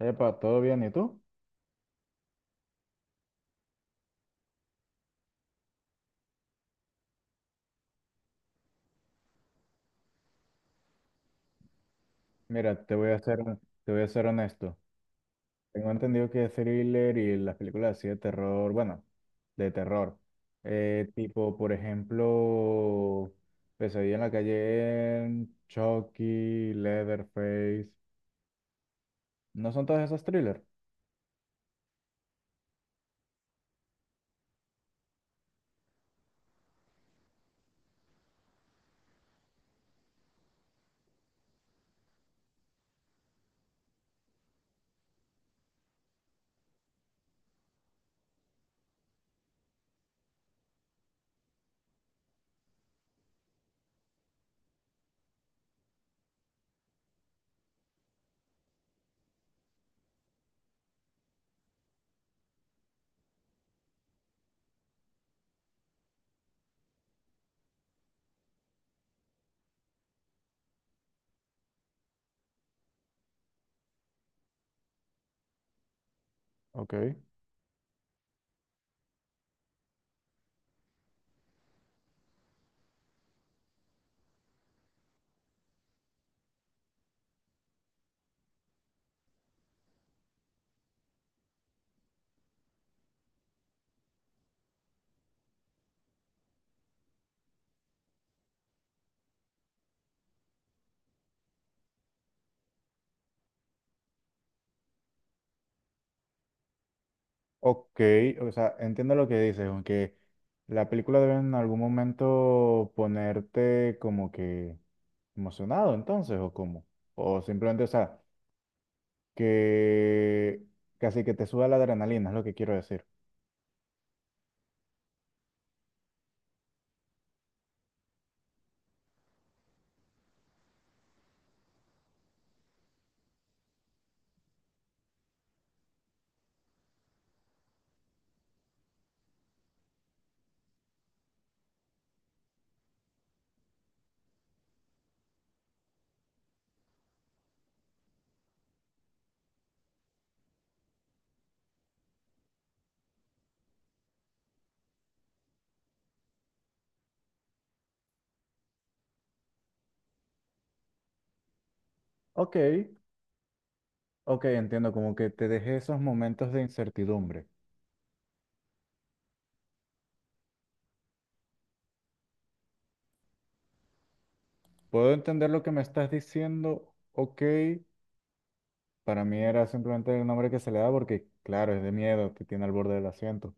Epa, ¿todo bien? ¿Y tú? Mira, te voy a ser honesto. Tengo entendido que thriller y las películas así de terror, bueno, de terror, tipo, por ejemplo, Pesadilla en la calle, en Chucky, Leatherface, ¿no son todas esas thriller? Ok. Ok, o sea, entiendo lo que dices, aunque la película debe en algún momento ponerte como que emocionado entonces, o como, o simplemente, o sea... que casi que te suba la adrenalina, es lo que quiero decir. Ok, ok, entiendo, como que te dejé esos momentos de incertidumbre. Puedo entender lo que me estás diciendo, ok, para mí era simplemente el nombre que se le da porque, claro, es de miedo, te tiene al borde del asiento.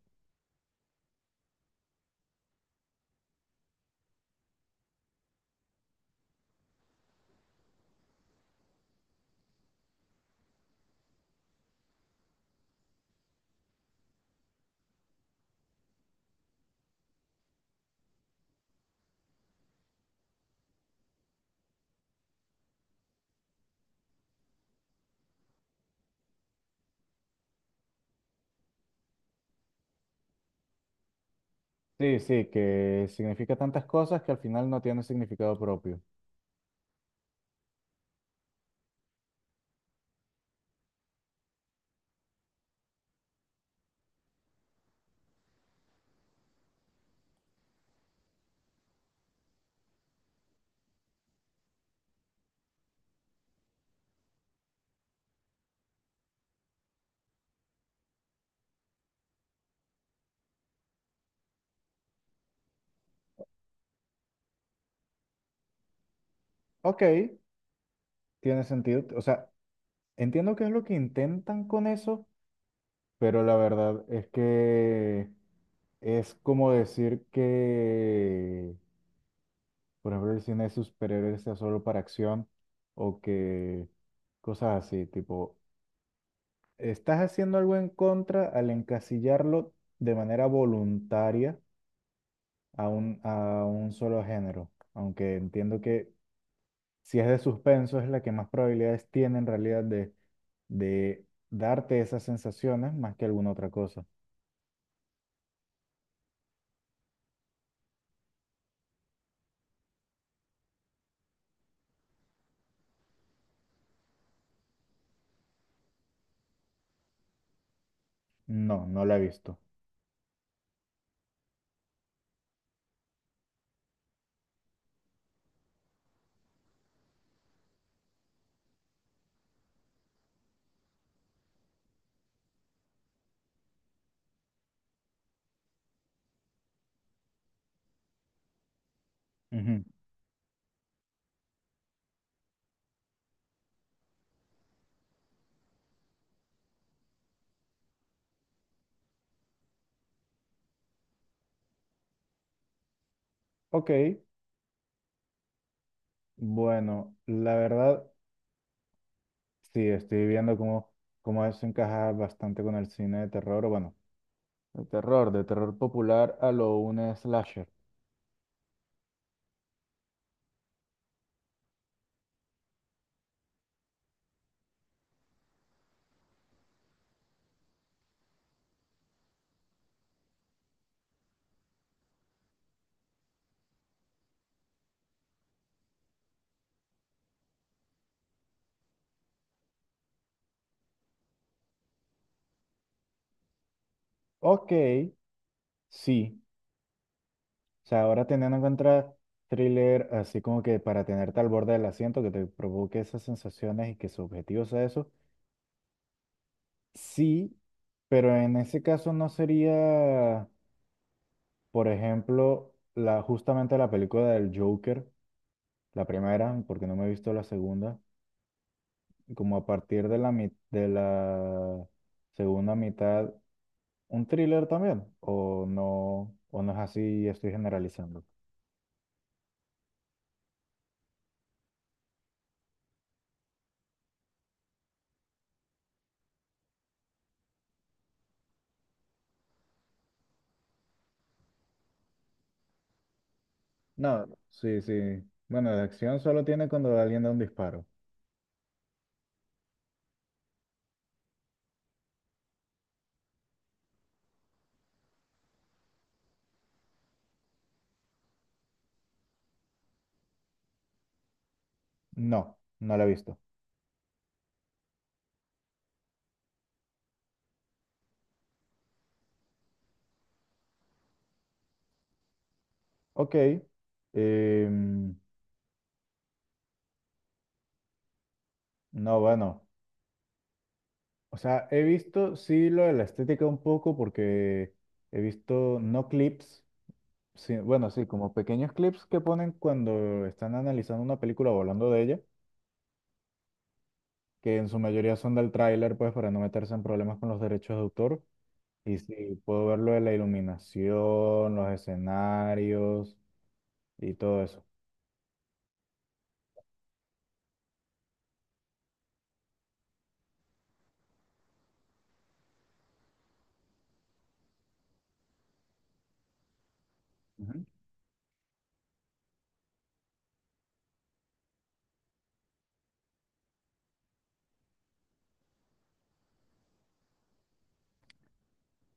Sí, sí, que significa tantas cosas que al final no tiene significado propio. Ok, tiene sentido, o sea, entiendo qué es lo que intentan con eso, pero la verdad es que es como decir que, por ejemplo, el cine de superhéroes sea solo para acción o que cosas así, tipo, estás haciendo algo en contra al encasillarlo de manera voluntaria a a un solo género, aunque entiendo que si es de suspenso es la que más probabilidades tiene en realidad de darte esas sensaciones más que alguna otra cosa. No, no la he visto. Ujú. Ok, bueno, la verdad, sí, estoy viendo cómo eso encaja bastante con el cine de terror, o bueno, de terror popular a lo un slasher. Ok, sí, o sea, ahora teniendo en cuenta thriller, así como que para tenerte al borde del asiento, que te provoque esas sensaciones y que su objetivo sea eso, sí, pero en ese caso no sería, por ejemplo, justamente la película del Joker, la primera, porque no me he visto la segunda como a partir de la segunda mitad, un thriller también, o no es así y estoy generalizando. No, sí, sí. Bueno, de acción solo tiene cuando alguien da un disparo. No, no la he visto. Ok. em, no, bueno. O sea, he visto, sí, lo de la estética un poco porque he visto no clips, sí, bueno, sí, como pequeños clips que ponen cuando están analizando una película o hablando de ella. Que en su mayoría son del tráiler, pues para no meterse en problemas con los derechos de autor. Y sí, puedo ver lo de la iluminación, los escenarios y todo eso. Ujú.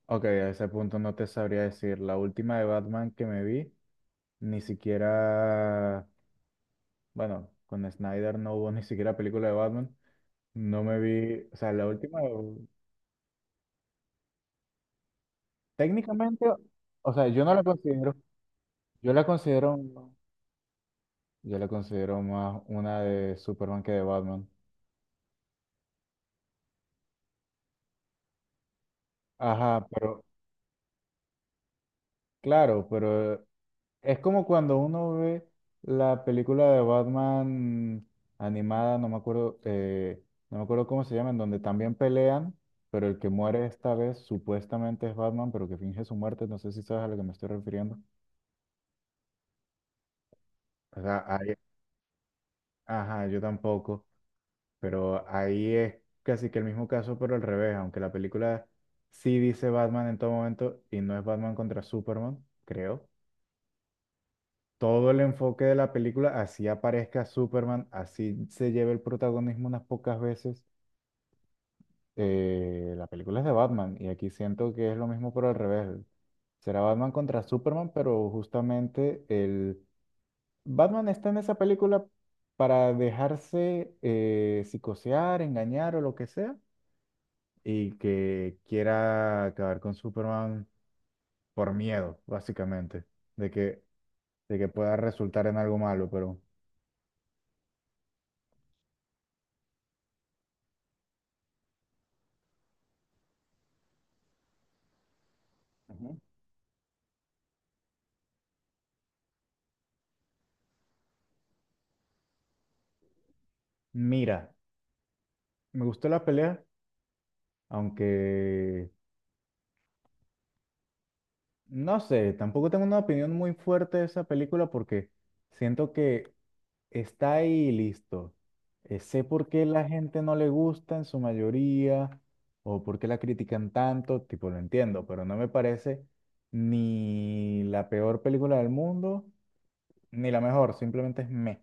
Ok, a ese punto no te sabría decir. La última de Batman que me vi, ni siquiera, bueno, con Snyder no hubo ni siquiera película de Batman. No me vi, o sea, la última, técnicamente, o sea, yo no la considero, yo la considero, yo la considero más una de Superman que de Batman. Ajá, pero, claro, pero es como cuando uno ve la película de Batman animada, no me acuerdo, no me acuerdo cómo se llama, en donde también pelean, pero el que muere esta vez supuestamente es Batman, pero que finge su muerte, no sé si sabes a lo que me estoy refiriendo. O sea, ahí- ajá, yo tampoco, pero ahí es casi que el mismo caso, pero al revés, aunque la película sí dice Batman en todo momento y no es Batman contra Superman, creo. Todo el enfoque de la película, así aparezca Superman, así se lleve el protagonismo unas pocas veces. La película es de Batman y aquí siento que es lo mismo pero al revés. Será Batman contra Superman, pero justamente el Batman está en esa película para dejarse psicosear, engañar o lo que sea y que quiera acabar con Superman por miedo, básicamente, de que, de que pueda resultar en algo malo, pero... Ujú. Mira, me gustó la pelea, aunque no sé, tampoco tengo una opinión muy fuerte de esa película porque siento que está ahí y listo. Sé por qué la gente no le gusta en su mayoría o por qué la critican tanto, tipo lo entiendo, pero no me parece ni la peor película del mundo ni la mejor, simplemente es me.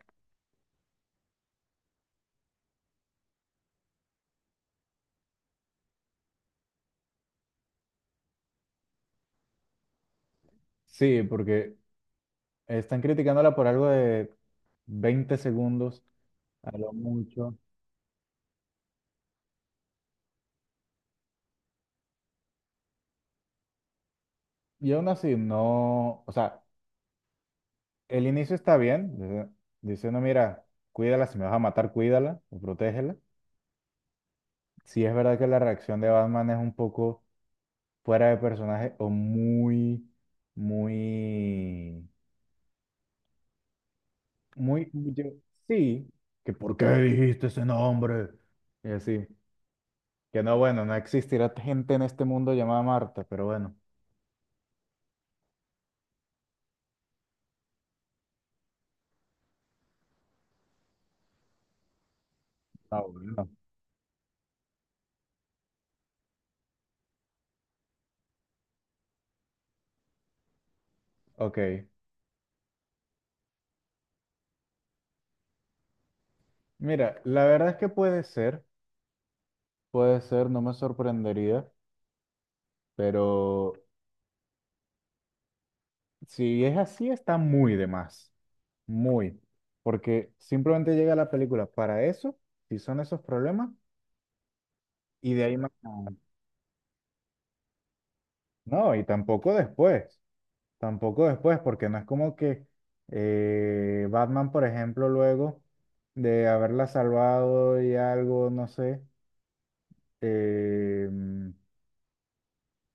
Sí, porque están criticándola por algo de 20 segundos a lo mucho. Y aún así, no, o sea, el inicio está bien, diciendo, mira, cuídala, si me vas a matar, cuídala o protégela. Sí es verdad que la reacción de Batman es un poco fuera de personaje o muy, muy, yo- sí, que ¿por qué dijiste ese nombre? Y así, que no, bueno, no existirá gente en este mundo llamada Marta, pero bueno. Ah, bueno. Ok, mira, la verdad es que puede ser, no me sorprendería. Pero si es así, está muy de más, muy, porque simplemente llega la película para eso, si son esos problemas, y de ahí más nada. No, y tampoco después, porque no es como que Batman, por ejemplo, luego de haberla salvado y algo, no sé, eh,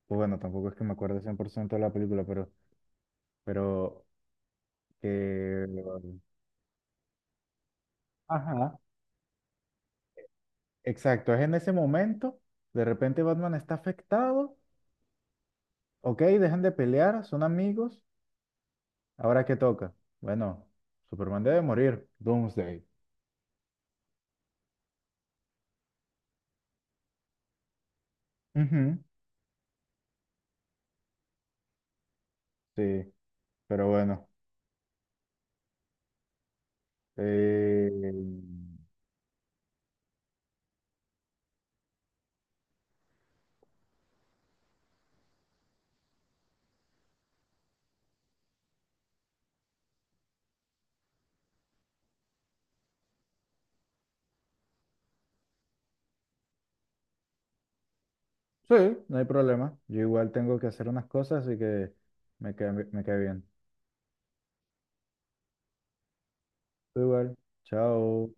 pues bueno, tampoco es que me acuerde 100% de la película, pero que... Ajá. Exacto, es en ese momento, de repente Batman está afectado, ok, dejan de pelear, son amigos, ahora qué toca. Bueno, Superman debe morir, Doomsday. Ujú, sí, pero bueno, eh, sí, no hay problema, yo igual tengo que hacer unas cosas, así que me cae bien. Tú igual, chao.